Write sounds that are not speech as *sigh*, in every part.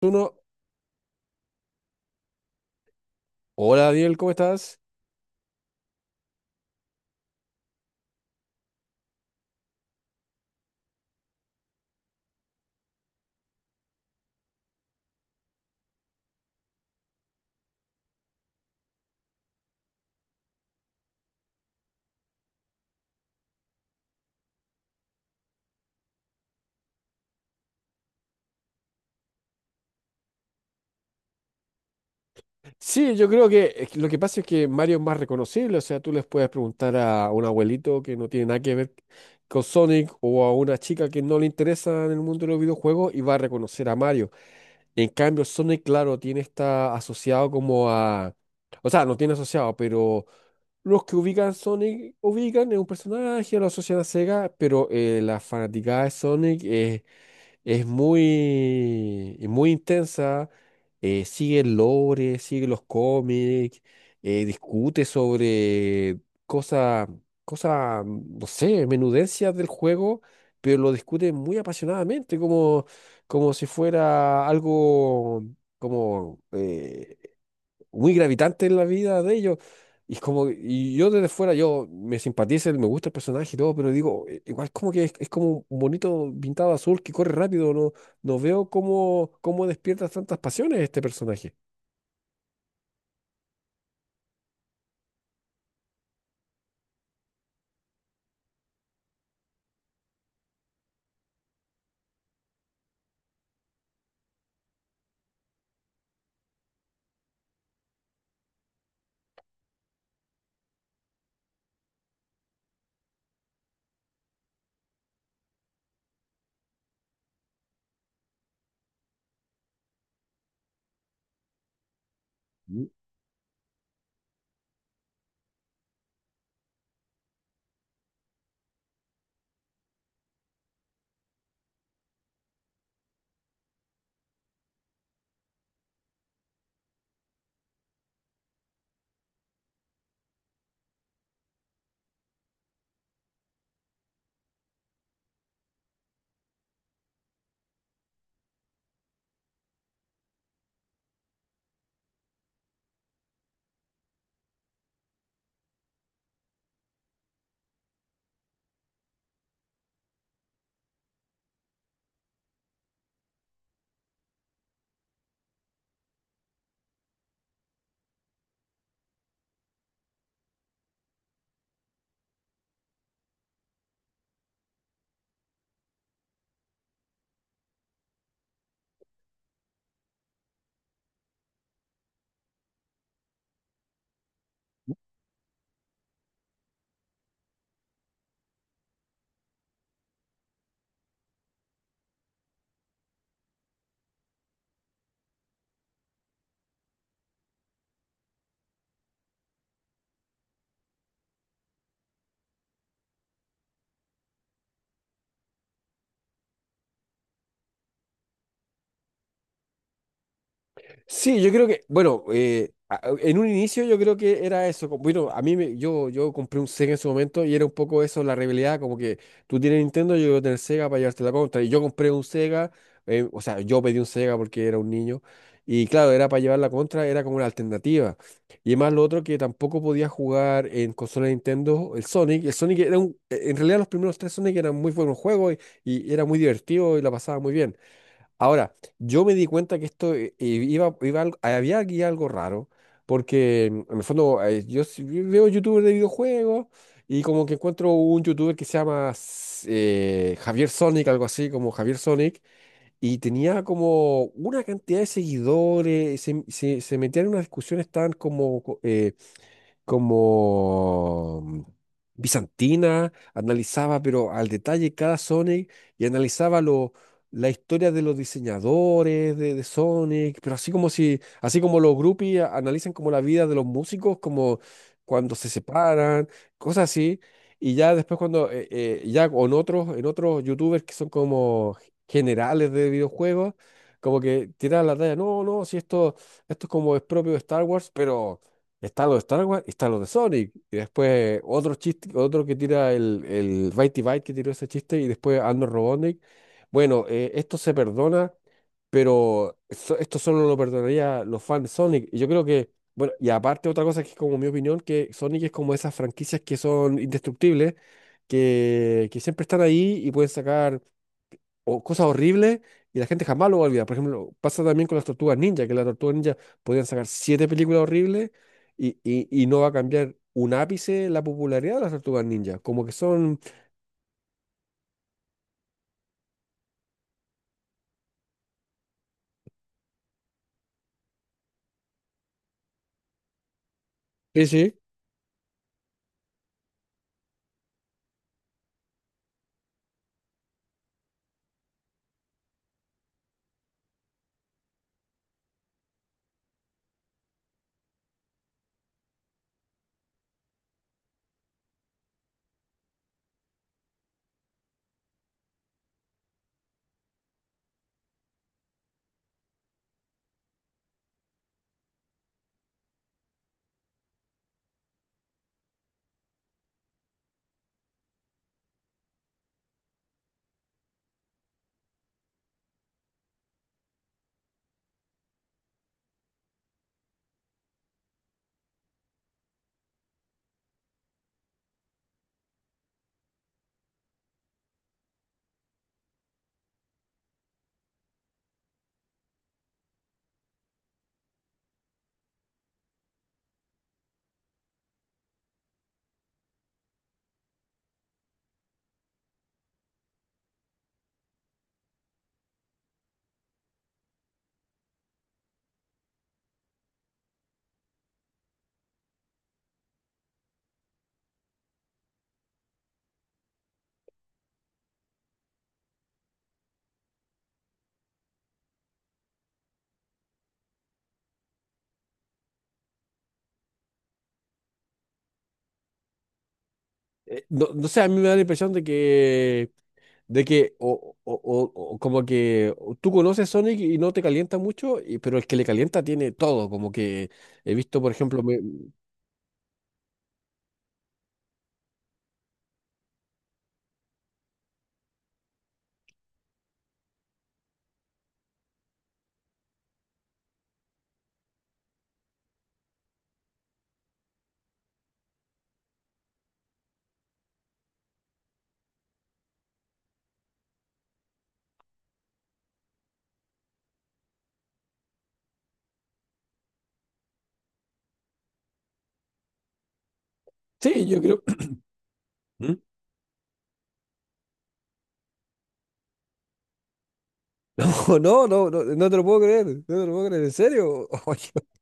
Uno, hola Daniel, ¿cómo estás? Sí, yo creo que es que lo que pasa es que Mario es más reconocible, o sea, tú les puedes preguntar a un abuelito que no tiene nada que ver con Sonic o a una chica que no le interesa en el mundo de los videojuegos y va a reconocer a Mario. En cambio, Sonic, claro, tiene está asociado como a... O sea, no tiene asociado, pero los que ubican Sonic ubican es un personaje, lo asocian a Sega, pero la fanaticada de Sonic es es muy, muy intensa, sigue el lore, sigue los cómics, discute sobre cosas, cosas, no sé, menudencias del juego, pero lo discute muy apasionadamente, como, como si fuera algo como muy gravitante en la vida de ellos. Y es como, y yo desde fuera, yo me simpatiza, me gusta el personaje y todo, pero digo, igual como que es como un bonito pintado azul que corre rápido, no, no veo cómo, cómo despierta tantas pasiones este personaje. Sí, yo creo que, bueno, en un inicio yo creo que era eso. Bueno, yo compré un Sega en su momento y era un poco eso, la rivalidad, como que tú tienes Nintendo, yo quiero tener Sega para llevarte la contra. Y yo compré un Sega, o sea, yo pedí un Sega porque era un niño. Y claro, era para llevar la contra, era como una alternativa. Y además lo otro que tampoco podía jugar en consola de Nintendo, el Sonic. El Sonic era un, en realidad los primeros tres Sonic eran muy buenos juegos y era muy divertido y la pasaba muy bien. Ahora, yo me di cuenta que esto había aquí algo raro, porque en el fondo yo sí veo youtubers de videojuegos y como que encuentro un youtuber que se llama Javier Sonic, algo así como Javier Sonic, y tenía como una cantidad de seguidores, se metía en unas discusiones tan como como bizantina, analizaba pero al detalle cada Sonic y analizaba lo, la historia de los diseñadores de Sonic, pero así como si, así como los groupies analizan como la vida de los músicos, como cuando se separan, cosas así. Y ya después cuando, ya con otros, en otros youtubers que son como generales de videojuegos, como que tiran la talla, no, no, si esto, esto es como es propio de Star Wars, pero está lo de Star Wars y está lo de Sonic. Y después otro chiste, otro que tira el Bitey Byte que tiró ese chiste y después Arnold Robotnik. Bueno, esto se perdona, pero esto solo lo perdonaría los fans de Sonic. Y yo creo que, bueno, y aparte otra cosa que es como mi opinión, que Sonic es como esas franquicias que son indestructibles, que siempre están ahí y pueden sacar o cosas horribles y la gente jamás lo va a olvidar. Por ejemplo, pasa también con las tortugas ninja, que las tortugas ninja podían sacar siete películas horribles y no va a cambiar un ápice la popularidad de las tortugas ninja. Como que son... Sí, sí. No, no sé, a mí me da la impresión de que... De que, o como que tú conoces Sonic y no te calienta mucho, pero el que le calienta tiene todo. Como que he visto, por ejemplo, me- sí, yo creo. *clears throat* ¿Mm? *laughs* No, no, no, no te lo puedo creer, no te lo puedo creer, ¿en serio? *laughs*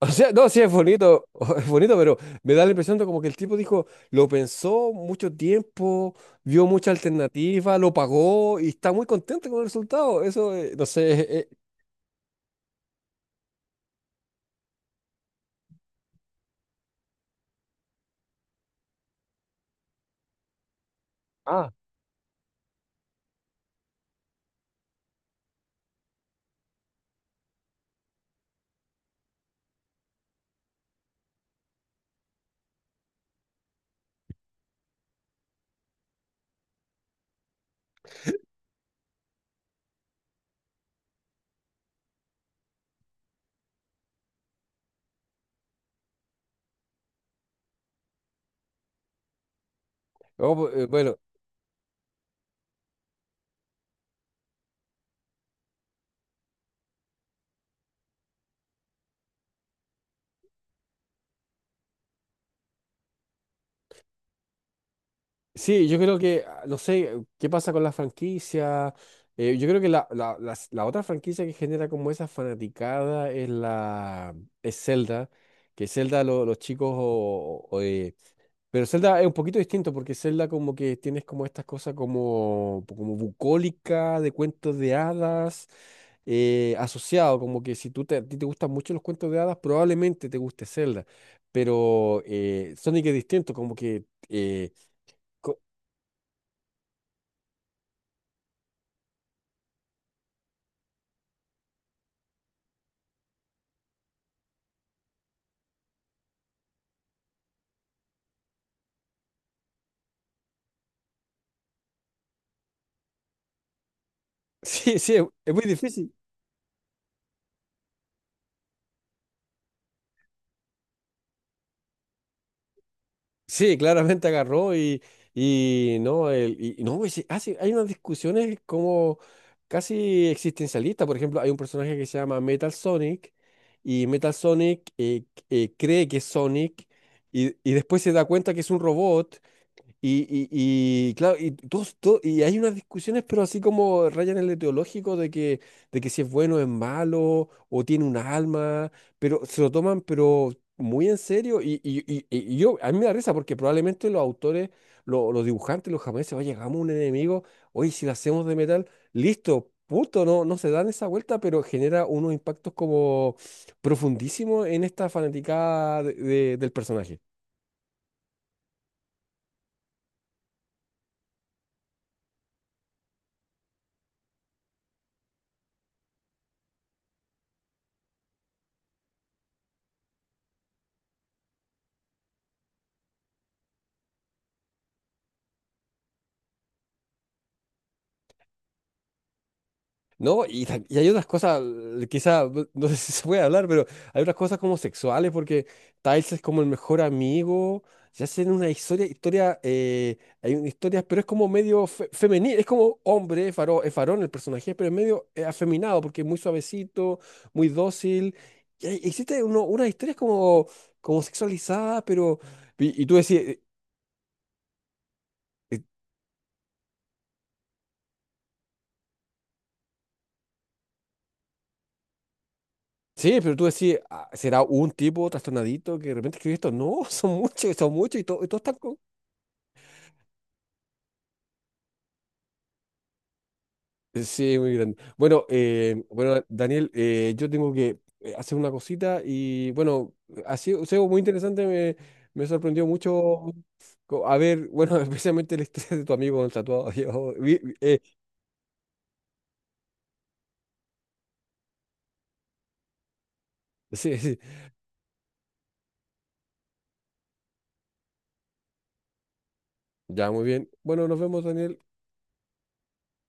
O sea, no, sí, es bonito, *laughs* es bonito, pero me da la impresión de como que el tipo dijo, lo pensó mucho tiempo, vio mucha alternativa, lo pagó y está muy contento con el resultado. Eso, no sé, ah, oh, bueno, sí, yo creo que, no sé, qué pasa con la franquicia. Yo creo que la otra franquicia que genera como esa fanaticada es la, es Zelda, que Zelda los chicos pero Zelda es un poquito distinto porque Zelda como que tienes como estas cosas como, como bucólica, de cuentos de hadas, asociado, como que si a ti te gustan mucho los cuentos de hadas, probablemente te guste Zelda. Pero Sonic es distinto, como que... co- *laughs* sí, sí, es muy difícil. Sí, claramente agarró y no, el, y no, hay unas discusiones como casi existencialistas. Por ejemplo, hay un personaje que se llama Metal Sonic y Metal Sonic cree que es Sonic y después se da cuenta que es un robot y, claro, y, y hay unas discusiones, pero así como rayan en lo teológico de que si es bueno o es malo, o tiene un alma, pero se lo toman pero muy en serio. Y yo, a mí me da risa porque probablemente los autores, los dibujantes, los japoneses, oye, hagamos un enemigo, oye, si lo hacemos de metal, listo, punto, no, no se dan esa vuelta, pero genera unos impactos como profundísimos en esta fanaticada del personaje. No, y hay otras cosas, quizá, no *laughs* sé si se puede hablar, pero hay otras cosas como sexuales, porque Tiles es como el mejor amigo, se hacen una historia, historia, hay una historia, pero es como medio femenil, es como hombre, es es varón el personaje, pero es medio afeminado, porque es muy suavecito, muy dócil, existe uno, unas historias como, como sexualizadas, pero, y tú decís... eh, sí, pero tú decís, "Ah, ¿será un tipo trastornadito que de repente escribe esto? No, *laughs* son muchos y, y todos están sí, muy grande. Bueno, bueno, Daniel, yo tengo que hacer una cosita y bueno, ha sido muy interesante, me sorprendió mucho a ver, bueno, *laughs* especialmente el estrés de tu amigo con el tatuado. *laughs* yo sí, sí, ya, muy bien. Bueno, nos vemos, Daniel.